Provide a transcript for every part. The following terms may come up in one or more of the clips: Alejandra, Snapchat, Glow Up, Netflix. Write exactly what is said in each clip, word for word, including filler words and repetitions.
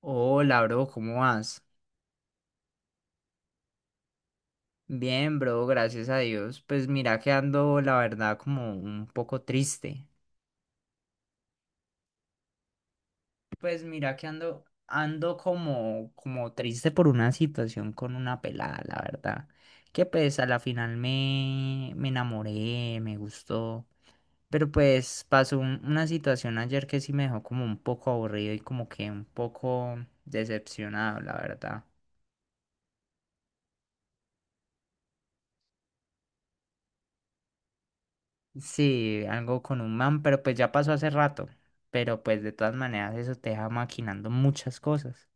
Hola, bro, ¿cómo vas? Bien, bro, gracias a Dios. Pues mira que ando, la verdad, como un poco triste. Pues mira que ando, ando como, como triste por una situación con una pelada, la verdad. Que pues a la final me, me enamoré, me gustó. Pero pues pasó un- una situación ayer que sí me dejó como un poco aburrido y como que un poco decepcionado, la verdad. Sí, algo con un man, pero pues ya pasó hace rato. Pero pues de todas maneras eso te deja maquinando muchas cosas.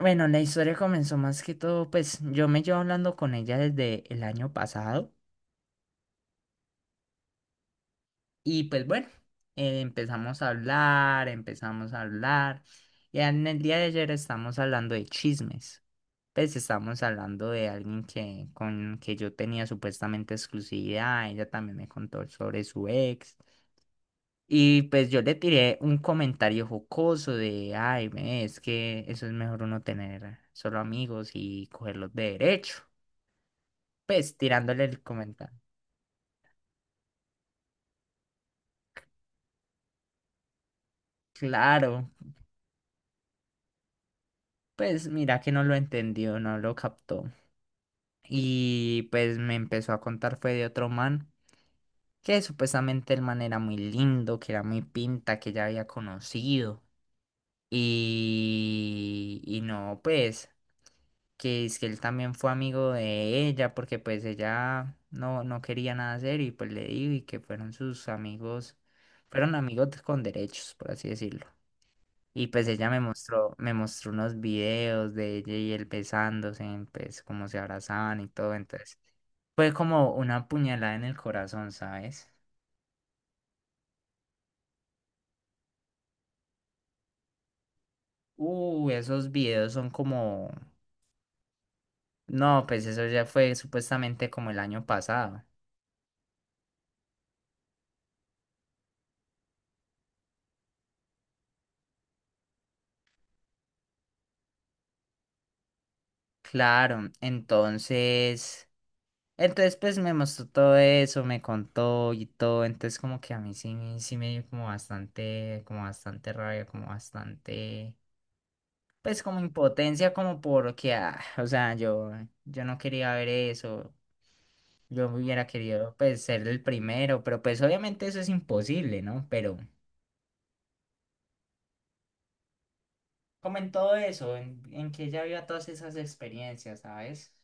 Bueno, la historia comenzó más que todo, pues yo me llevo hablando con ella desde el año pasado y pues bueno, eh, empezamos a hablar, empezamos a hablar y en el día de ayer estamos hablando de chismes. Pues estamos hablando de alguien que con que yo tenía supuestamente exclusividad, ella también me contó sobre su ex. Y pues yo le tiré un comentario jocoso de, ay, ve, es que eso es mejor uno tener solo amigos y cogerlos de derecho. Pues tirándole el comentario. Claro, pues mira que no lo entendió, no lo captó. Y pues me empezó a contar fue de otro man, que supuestamente el man era muy lindo, que era muy pinta, que ya había conocido. Y, y no, pues... que es que él también fue amigo de ella porque pues ella no, no quería nada hacer y pues le dijo y que fueron sus amigos, fueron amigos con derechos, por así decirlo. Y pues ella me mostró, me mostró unos videos de ella y él besándose, pues como se abrazaban y todo, entonces fue como una puñalada en el corazón, ¿sabes? Uh, esos videos son como... No, pues eso ya fue supuestamente como el año pasado. Claro, entonces... Entonces, pues me mostró todo eso, me contó y todo. Entonces, como que a mí sí, me- sí me dio como bastante, como bastante rabia, como bastante, pues como impotencia, como porque, ah, o sea, yo, yo no quería ver eso. Yo hubiera querido, pues, ser el primero, pero pues obviamente eso es imposible, ¿no? Pero como en todo eso, en, en que ella viva todas esas experiencias, ¿sabes?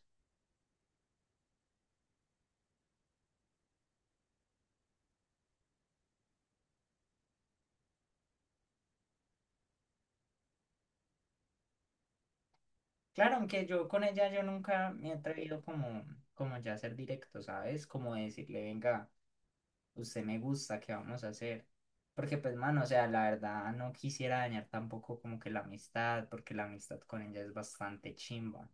Claro, aunque yo con ella yo nunca me he atrevido como, como ya a ser directo, ¿sabes? Como decirle, venga. Usted me gusta, ¿qué vamos a hacer? Porque pues, mano, o sea, la verdad no quisiera dañar tampoco como que la amistad, porque la amistad con ella es bastante chimba.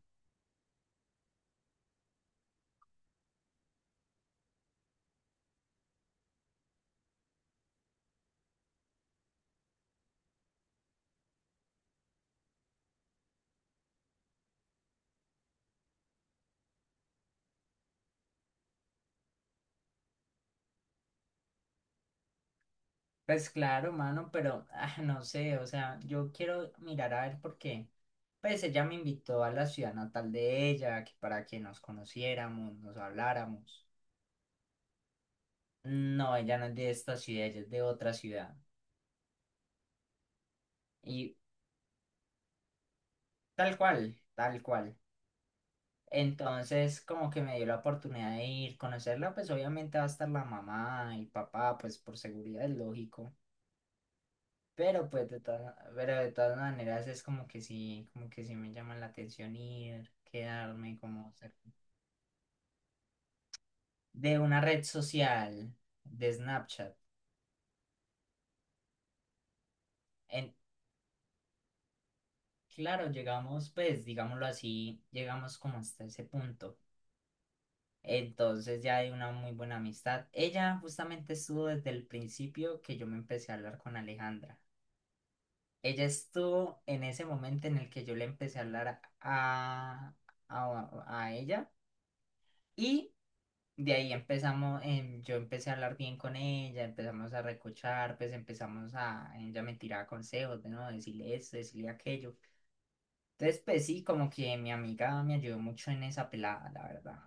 Pues claro, mano, pero ah, no sé, o sea, yo quiero mirar a ver por qué. Pues ella me invitó a la ciudad natal de ella, que para que nos conociéramos, nos habláramos. No, ella no es de esta ciudad, ella es de otra ciudad. Y tal cual, tal cual. Entonces, como que me dio la oportunidad de ir, conocerla, pues obviamente va a estar la mamá y papá, pues por seguridad es lógico. Pero pues de todas, pero de todas maneras es como que sí, como que sí me llama la atención ir, quedarme como cerca. De una red social, de Snapchat. En, claro, llegamos, pues, digámoslo así, llegamos como hasta ese punto. Entonces ya hay una muy buena amistad. Ella justamente estuvo desde el principio que yo me empecé a hablar con Alejandra. Ella estuvo en ese momento en el que yo le empecé a hablar a, a, a ella y de ahí empezamos, em, yo empecé a hablar bien con ella, empezamos a recochar, pues empezamos a, ella me tiraba consejos, de no, decirle esto, decirle aquello. Entonces, pues sí, como que mi amiga me ayudó mucho en esa pelada, la verdad.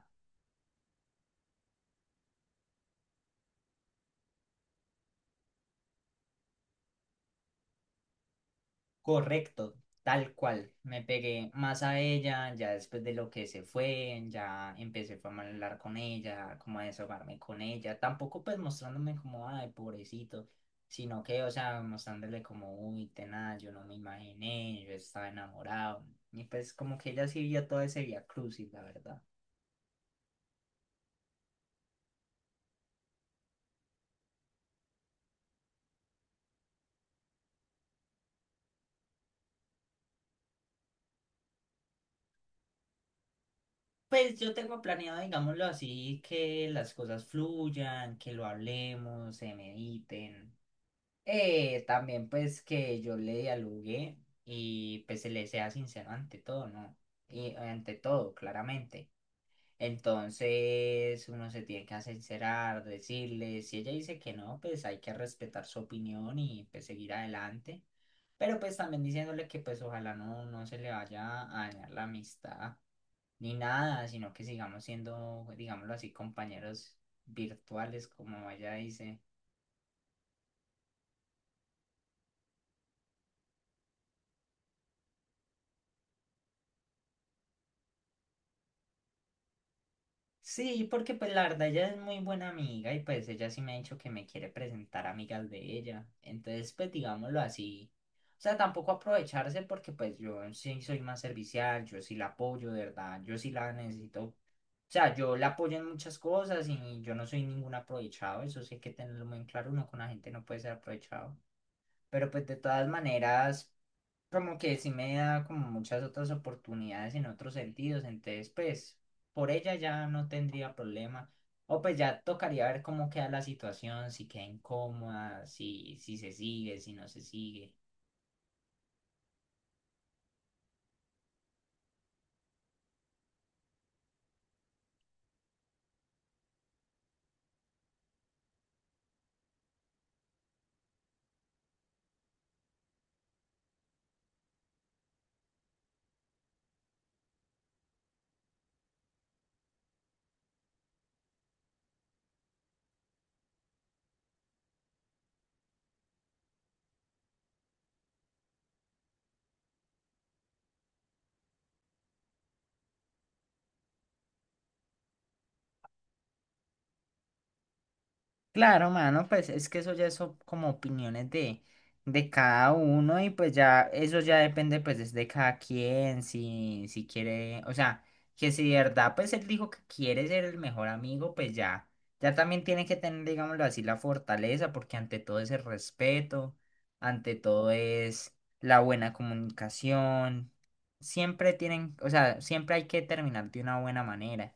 Correcto, tal cual. Me pegué más a ella, ya después de lo que se fue, ya empecé fue, a hablar con ella, como a desahogarme con ella. Tampoco pues mostrándome como, ay, pobrecito, sino que, o sea, mostrándole como, uy, tenaz, yo no me imaginé, yo estaba enamorado. Y pues como que ella sí vio todo ese vía crucis, la verdad. Pues yo tengo planeado, digámoslo así, que las cosas fluyan, que lo hablemos, se mediten. Eh, también pues que yo le dialogué y pues se le sea sincero ante todo, ¿no? Y ante todo, claramente. Entonces uno se tiene que sincerar, decirle, si ella dice que no, pues hay que respetar su opinión y pues seguir adelante. Pero pues también diciéndole que pues ojalá no, no se le vaya a dañar la amistad ni nada, sino que sigamos siendo, digámoslo así, compañeros virtuales, como ella dice. Sí, porque pues la verdad ella es muy buena amiga y pues ella sí me ha dicho que me quiere presentar amigas de ella. Entonces, pues digámoslo así. O sea, tampoco aprovecharse porque pues yo sí soy más servicial, yo sí la apoyo, de verdad, yo sí la necesito. O sea, yo la apoyo en muchas cosas y yo no soy ningún aprovechado, eso sí hay que tenerlo muy en claro, uno con la gente no puede ser aprovechado. Pero pues de todas maneras, como que sí me da como muchas otras oportunidades en otros sentidos. Entonces, pues por ella ya no tendría problema. O pues ya tocaría ver cómo queda la situación, si queda incómoda, si, si se sigue, si no se sigue. Claro, mano, pues es que eso ya son como opiniones de, de cada uno y pues ya eso ya depende pues es de cada quien, si, si quiere, o sea, que si de verdad pues él dijo que quiere ser el mejor amigo, pues ya, ya también tiene que tener, digámoslo así, la fortaleza, porque ante todo es el respeto, ante todo es la buena comunicación, siempre tienen, o sea, siempre hay que terminar de una buena manera.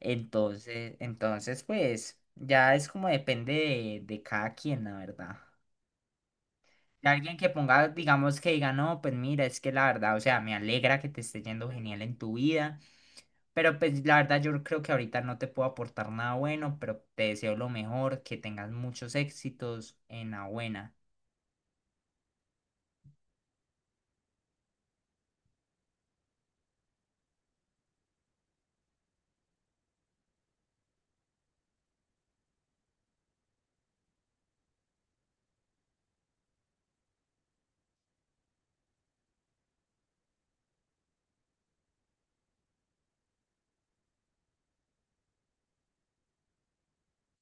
Entonces, entonces, pues, ya es como depende de, de cada quien, la verdad. Y alguien que ponga, digamos, que diga, no, pues mira, es que la verdad, o sea, me alegra que te esté yendo genial en tu vida, pero pues la verdad yo creo que ahorita no te puedo aportar nada bueno, pero te deseo lo mejor, que tengas muchos éxitos en la buena.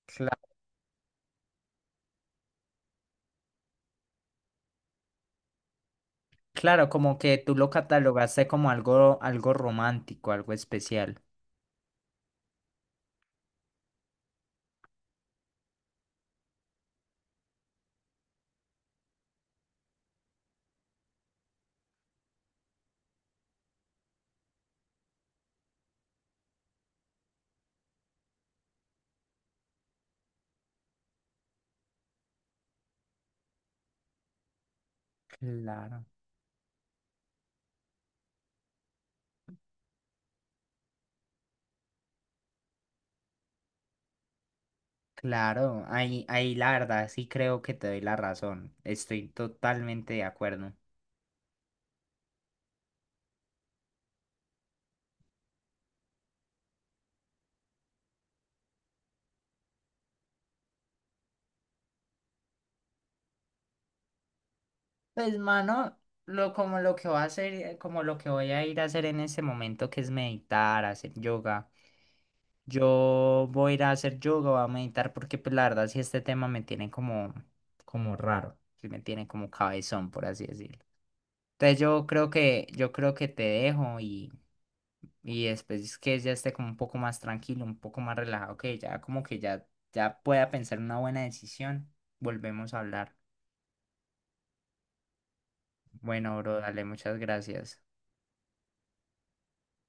Cla- Claro, como que tú lo catalogaste como algo, algo romántico, algo especial. Claro. Claro, ahí, ahí la verdad sí creo que te doy la razón. Estoy totalmente de acuerdo. Pues, mano, lo como lo que voy a hacer, eh, como lo que voy a ir a hacer en este momento, que es meditar, hacer yoga. Yo voy a ir a hacer yoga, voy a meditar, porque pues la verdad sí este tema me tiene como, como raro. Sí me tiene como cabezón, por así decirlo. Entonces yo creo que, yo creo que te dejo y, y después es que ya esté como un poco más tranquilo, un poco más relajado, que ya como que ya, ya pueda pensar una buena decisión, volvemos a hablar. Bueno, bro, dale, muchas gracias.